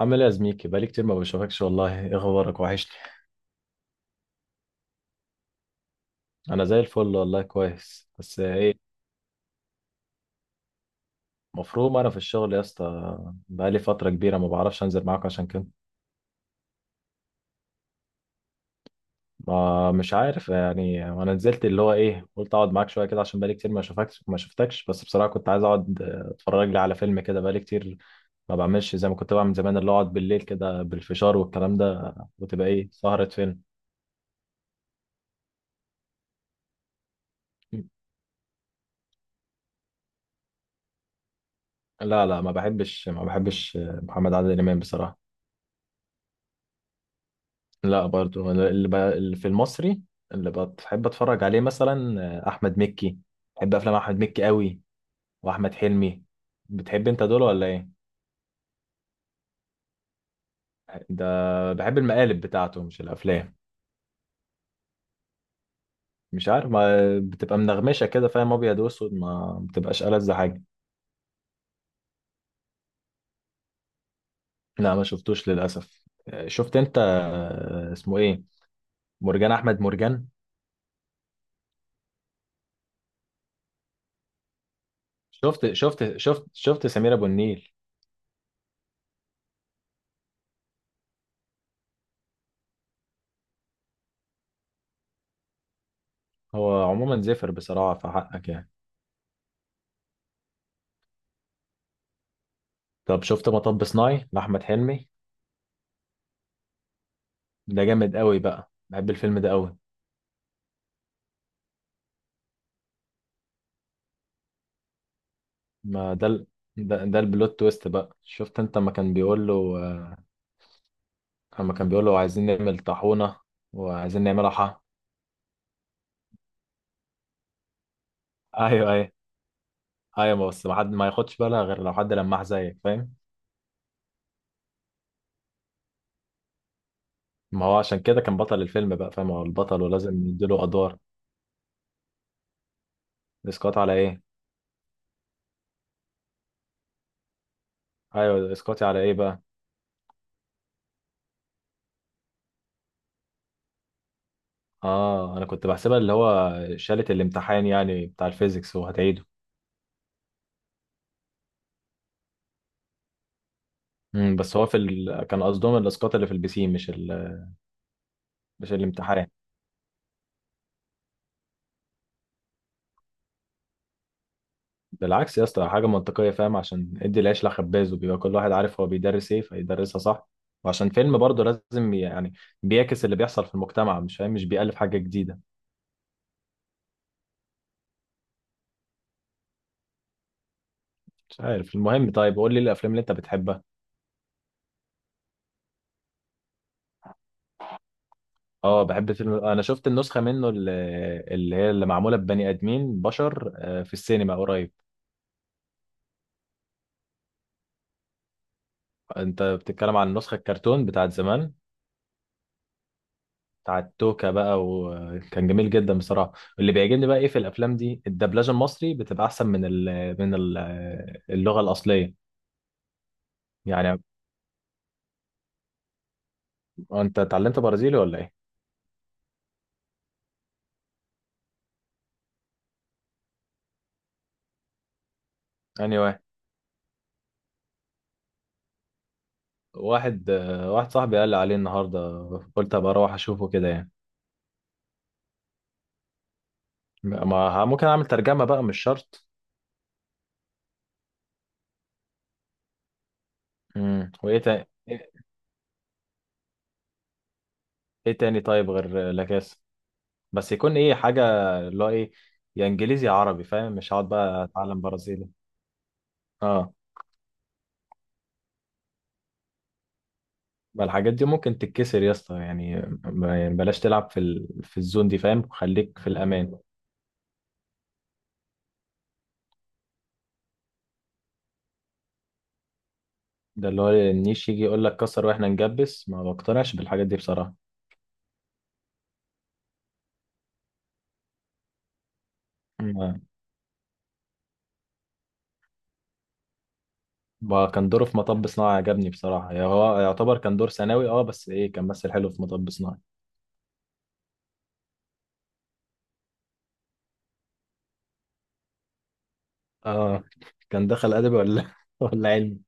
عامل ايه يا زميكي؟ بقالي كتير ما بشوفكش والله. ايه اخبارك؟ وحشني. انا زي الفل والله كويس، بس ايه؟ مفروض انا في الشغل يا اسطى. بقالي فتره كبيره ما بعرفش انزل معاك عشان كده. ما مش عارف يعني، انا نزلت اللي هو ايه، قلت اقعد معاك شويه كده عشان بقالي كتير ما اشوفكش ما شفتكش. بس بصراحه كنت عايز اقعد اتفرج لي على فيلم كده، بقالي كتير ما بعملش زي ما كنت بعمل زمان، اللي هو اقعد بالليل كده بالفشار والكلام ده وتبقى ايه سهره فيلم. لا، لا، ما بحبش محمد عادل امام بصراحه. لا برضو أنا اللي في المصري اللي بحب اتفرج عليه مثلا، احمد مكي. بحب افلام احمد مكي قوي، واحمد حلمي. بتحب انت دول ولا ايه؟ ده بحب المقالب بتاعته مش الافلام. مش عارف، ما بتبقى منغمشه كده فاهم، ابيض واسود ما بتبقاش ألذ حاجه. لا ما شفتوش للاسف. شفت انت، اسمه ايه، مرجان احمد مرجان. شفت سمير ابو النيل. هو عموما زفر بصراحه في حقك يعني. طب شفت مطب صناعي لاحمد حلمي؟ ده جامد قوي بقى، بحب الفيلم ده قوي. ما ده البلوت تويست بقى. شفت انت ما كان بيقول له، اما كان بيقول له عايزين نعمل طاحونة وعايزين نعملها حا ايوه، ايوه. ايوه بس ما حد ما ياخدش بالها غير لو حد لمح زيك فاهم. ما هو عشان كده كان بطل الفيلم بقى، فاهم، هو البطل ولازم نديله ادوار. اسقاط على ايه؟ ايوه، اسقاطي على ايه بقى؟ اه انا كنت بحسبها اللي هو شالة الامتحان يعني بتاع الفيزيكس وهتعيده. بس هو كان قصدهم الاسقاط اللي في البسين مش الامتحان. بالعكس يا اسطى، حاجة منطقية فاهم، عشان ادي العيش لخباز وبيبقى كل واحد عارف هو بيدرس ايه فيدرسها صح. وعشان فيلم برضه لازم يعني بيعكس اللي بيحصل في المجتمع مش فاهم، مش بيألف حاجة جديدة. مش عارف المهم، طيب قول لي الافلام اللي انت بتحبها. اه بحب فيلم، انا شفت النسخة منه اللي هي اللي معمولة ببني ادمين بشر في السينما قريب. انت بتتكلم عن النسخة الكرتون بتاعت زمان بتاع التوكا بقى، وكان جميل جدا بصراحه. اللي بيعجبني بقى ايه في الافلام دي، الدبلجه المصري بتبقى احسن من اللغه الاصليه. يعني انت اتعلمت برازيلي ولا ايه؟ اني واحد، واحد صاحبي قال لي عليه النهارده، قلت ابقى اروح اشوفه كده يعني. ما ه- ممكن اعمل ترجمه بقى، مش شرط. وايه تاني ايه؟ إيه تاني طيب غير لاكاس؟ بس يكون ايه حاجه اللي هو ايه، يا انجليزي يا عربي فاهم، مش هقعد بقى اتعلم برازيلي. اه ما الحاجات دي ممكن تتكسر يا اسطى، يعني يعني بلاش تلعب في الزون دي فاهم، خليك في الامان. ده اللي هو النيش يجي يقول لك كسر واحنا نجبس، ما بقتنعش بالحاجات دي بصراحه. ما ما كان دوره في مطب صناعي عجبني بصراحه يعني، هو يعتبر كان دور ثانوي اه، بس ايه كان مثل حلو في مطب صناعي. اه كان دخل ادبي ولا ولا علمي؟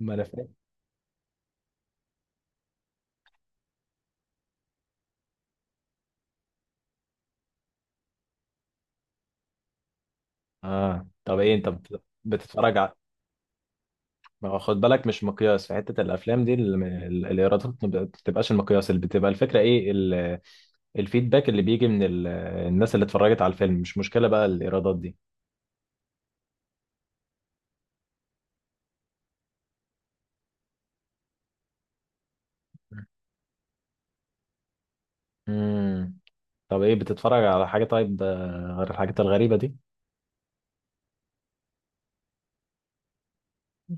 ما انا فاهم. اه طب ايه انت بتتفرج على؟ ما هو خد بالك مش مقياس في حتة الأفلام دي الإيرادات، ما بتبقاش المقياس، اللي بتبقى الفكرة إيه، الفيدباك اللي بيجي من الناس اللي اتفرجت على الفيلم. مش مشكلة بقى الإيرادات دي. امم طب ايه بتتفرج على حاجة طيب غير الحاجات الغريبة دي؟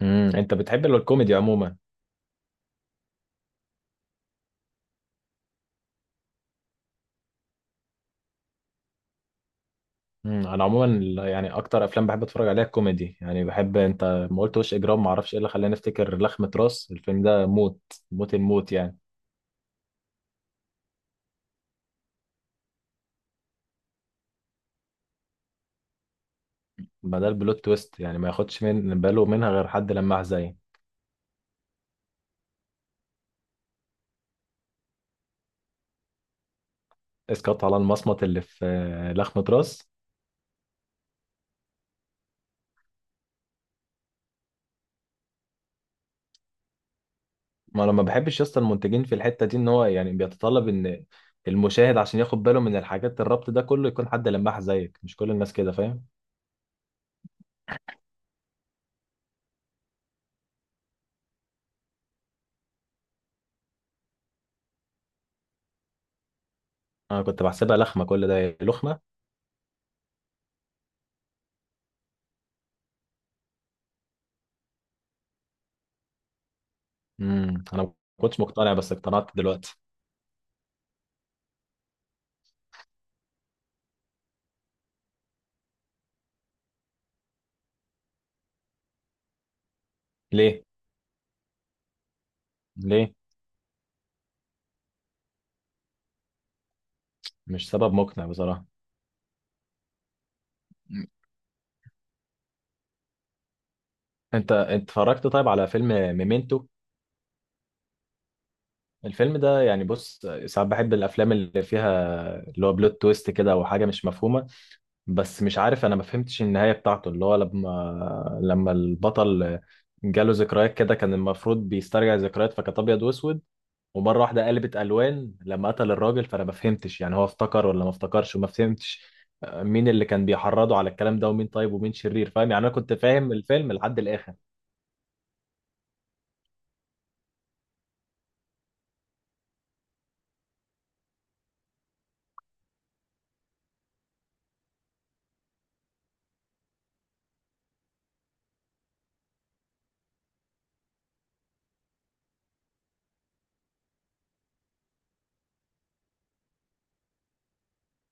انت بتحب الكوميدي عموما. انا عموما يعني اكتر افلام بحب اتفرج عليها الكوميدي. يعني بحب انت ما قلت وش اجرام، ما اعرفش ايه اللي خلاني افتكر لخمة راس، الفيلم ده موت، موت الموت يعني. ما ده البلوت تويست يعني، ما ياخدش من باله منها غير حد لماح زي اسقاط على المصمت اللي في لخمة راس. ما انا ما بحبش اصلا المنتجين في الحته دي ان هو يعني بيتطلب ان المشاهد عشان ياخد باله من الحاجات الربط ده كله يكون حد لماح زيك، مش كل الناس كده فاهم. انا كنت بحسبها لخمه، كل ده لخمه. انا ما كنتش مقتنع بس اقتنعت دلوقتي. ليه؟ ليه؟ مش سبب مقنع بصراحه. انت اتفرجت طيب على فيلم ميمنتو؟ الفيلم ده يعني بص، ساعات بحب الافلام اللي فيها اللي هو بلوت تويست كده او حاجه مش مفهومه. بس مش عارف انا ما فهمتش النهايه بتاعته اللي هو لما البطل جاله ذكريات كده، كان المفروض بيسترجع ذكريات فكانت ابيض واسود، ومره واحده قلبت الوان لما قتل الراجل، فانا ما فهمتش يعني هو افتكر ولا ما افتكرش، وما فهمتش مين اللي كان بيحرضه على الكلام ده، ومين طيب ومين شرير فاهم يعني. انا كنت فاهم الفيلم لحد الاخر.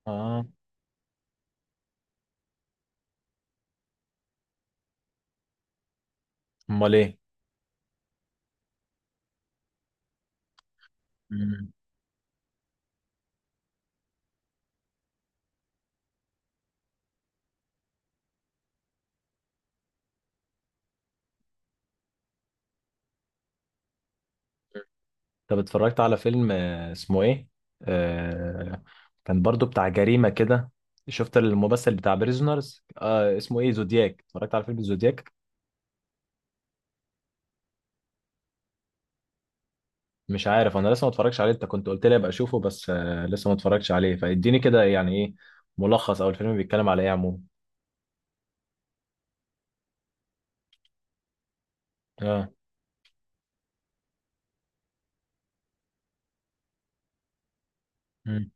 اه، امال ايه؟ مم. طب اتفرجت على فيلم اسمه ايه، آه كان برضو بتاع جريمة كده، شفت الممثل بتاع بريزونرز اسمه ايه زودياك؟ اتفرجت على فيلم زودياك؟ مش عارف انا لسه ما اتفرجش عليه، انت كنت قلت لي ابقى اشوفه بس لسه ما اتفرجش عليه. فاديني كده يعني ايه ملخص او الفيلم بيتكلم على ايه عموما. اه. مم.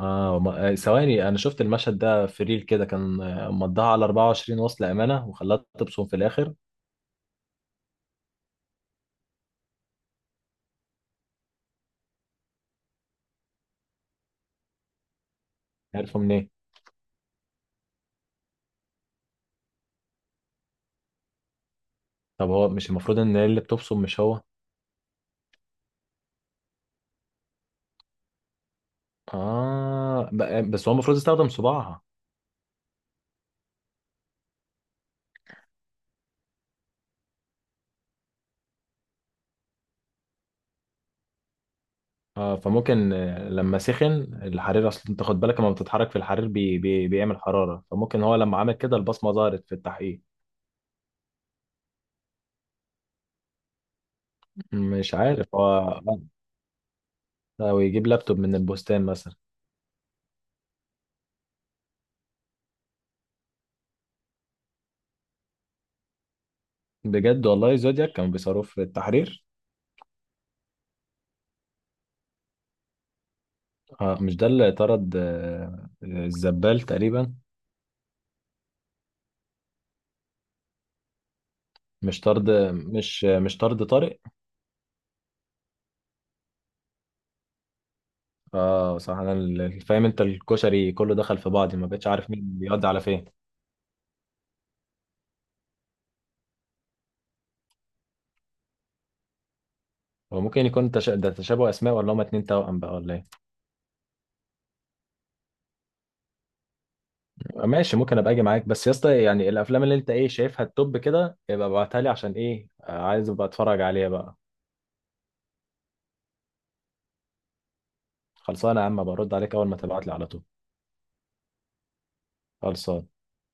اه ثواني، انا شفت المشهد ده في ريل كده كان مضاها على 24، وصل امانة وخلاها تبصم في الاخر. عارفه منين؟ طب هو مش المفروض ان هي اللي بتبصم مش هو؟ اه، بس هو المفروض يستخدم صباعها. فممكن لما سخن الحرير، اصل انت خد بالك لما بتتحرك في الحرير بي بي بيعمل حرارة، فممكن هو لما عمل كده البصمة ظهرت في التحقيق. مش عارف هو لو يجيب لابتوب من البستان مثلا. بجد والله؟ زودياك كانوا بيصاروه في التحرير؟ مش ده اللي طرد الزبال تقريبا؟ مش طرد طارق؟ اه صح انا فاهم، انت الكشري كله دخل في بعض، ما بقتش عارف مين بيودي على فين. هو ممكن يكون ده تشابه اسماء، ولا هما اتنين توأم بقى، ولا ايه؟ ماشي ممكن ابقى اجي معاك، بس يا اسطى يعني الافلام اللي انت ايه شايفها التوب كده يبقى ابعتها لي، عشان ايه عايز ابقى اتفرج عليها بقى. خلصانه يا عم، برد عليك اول ما تبعت لي على طول. خلصان.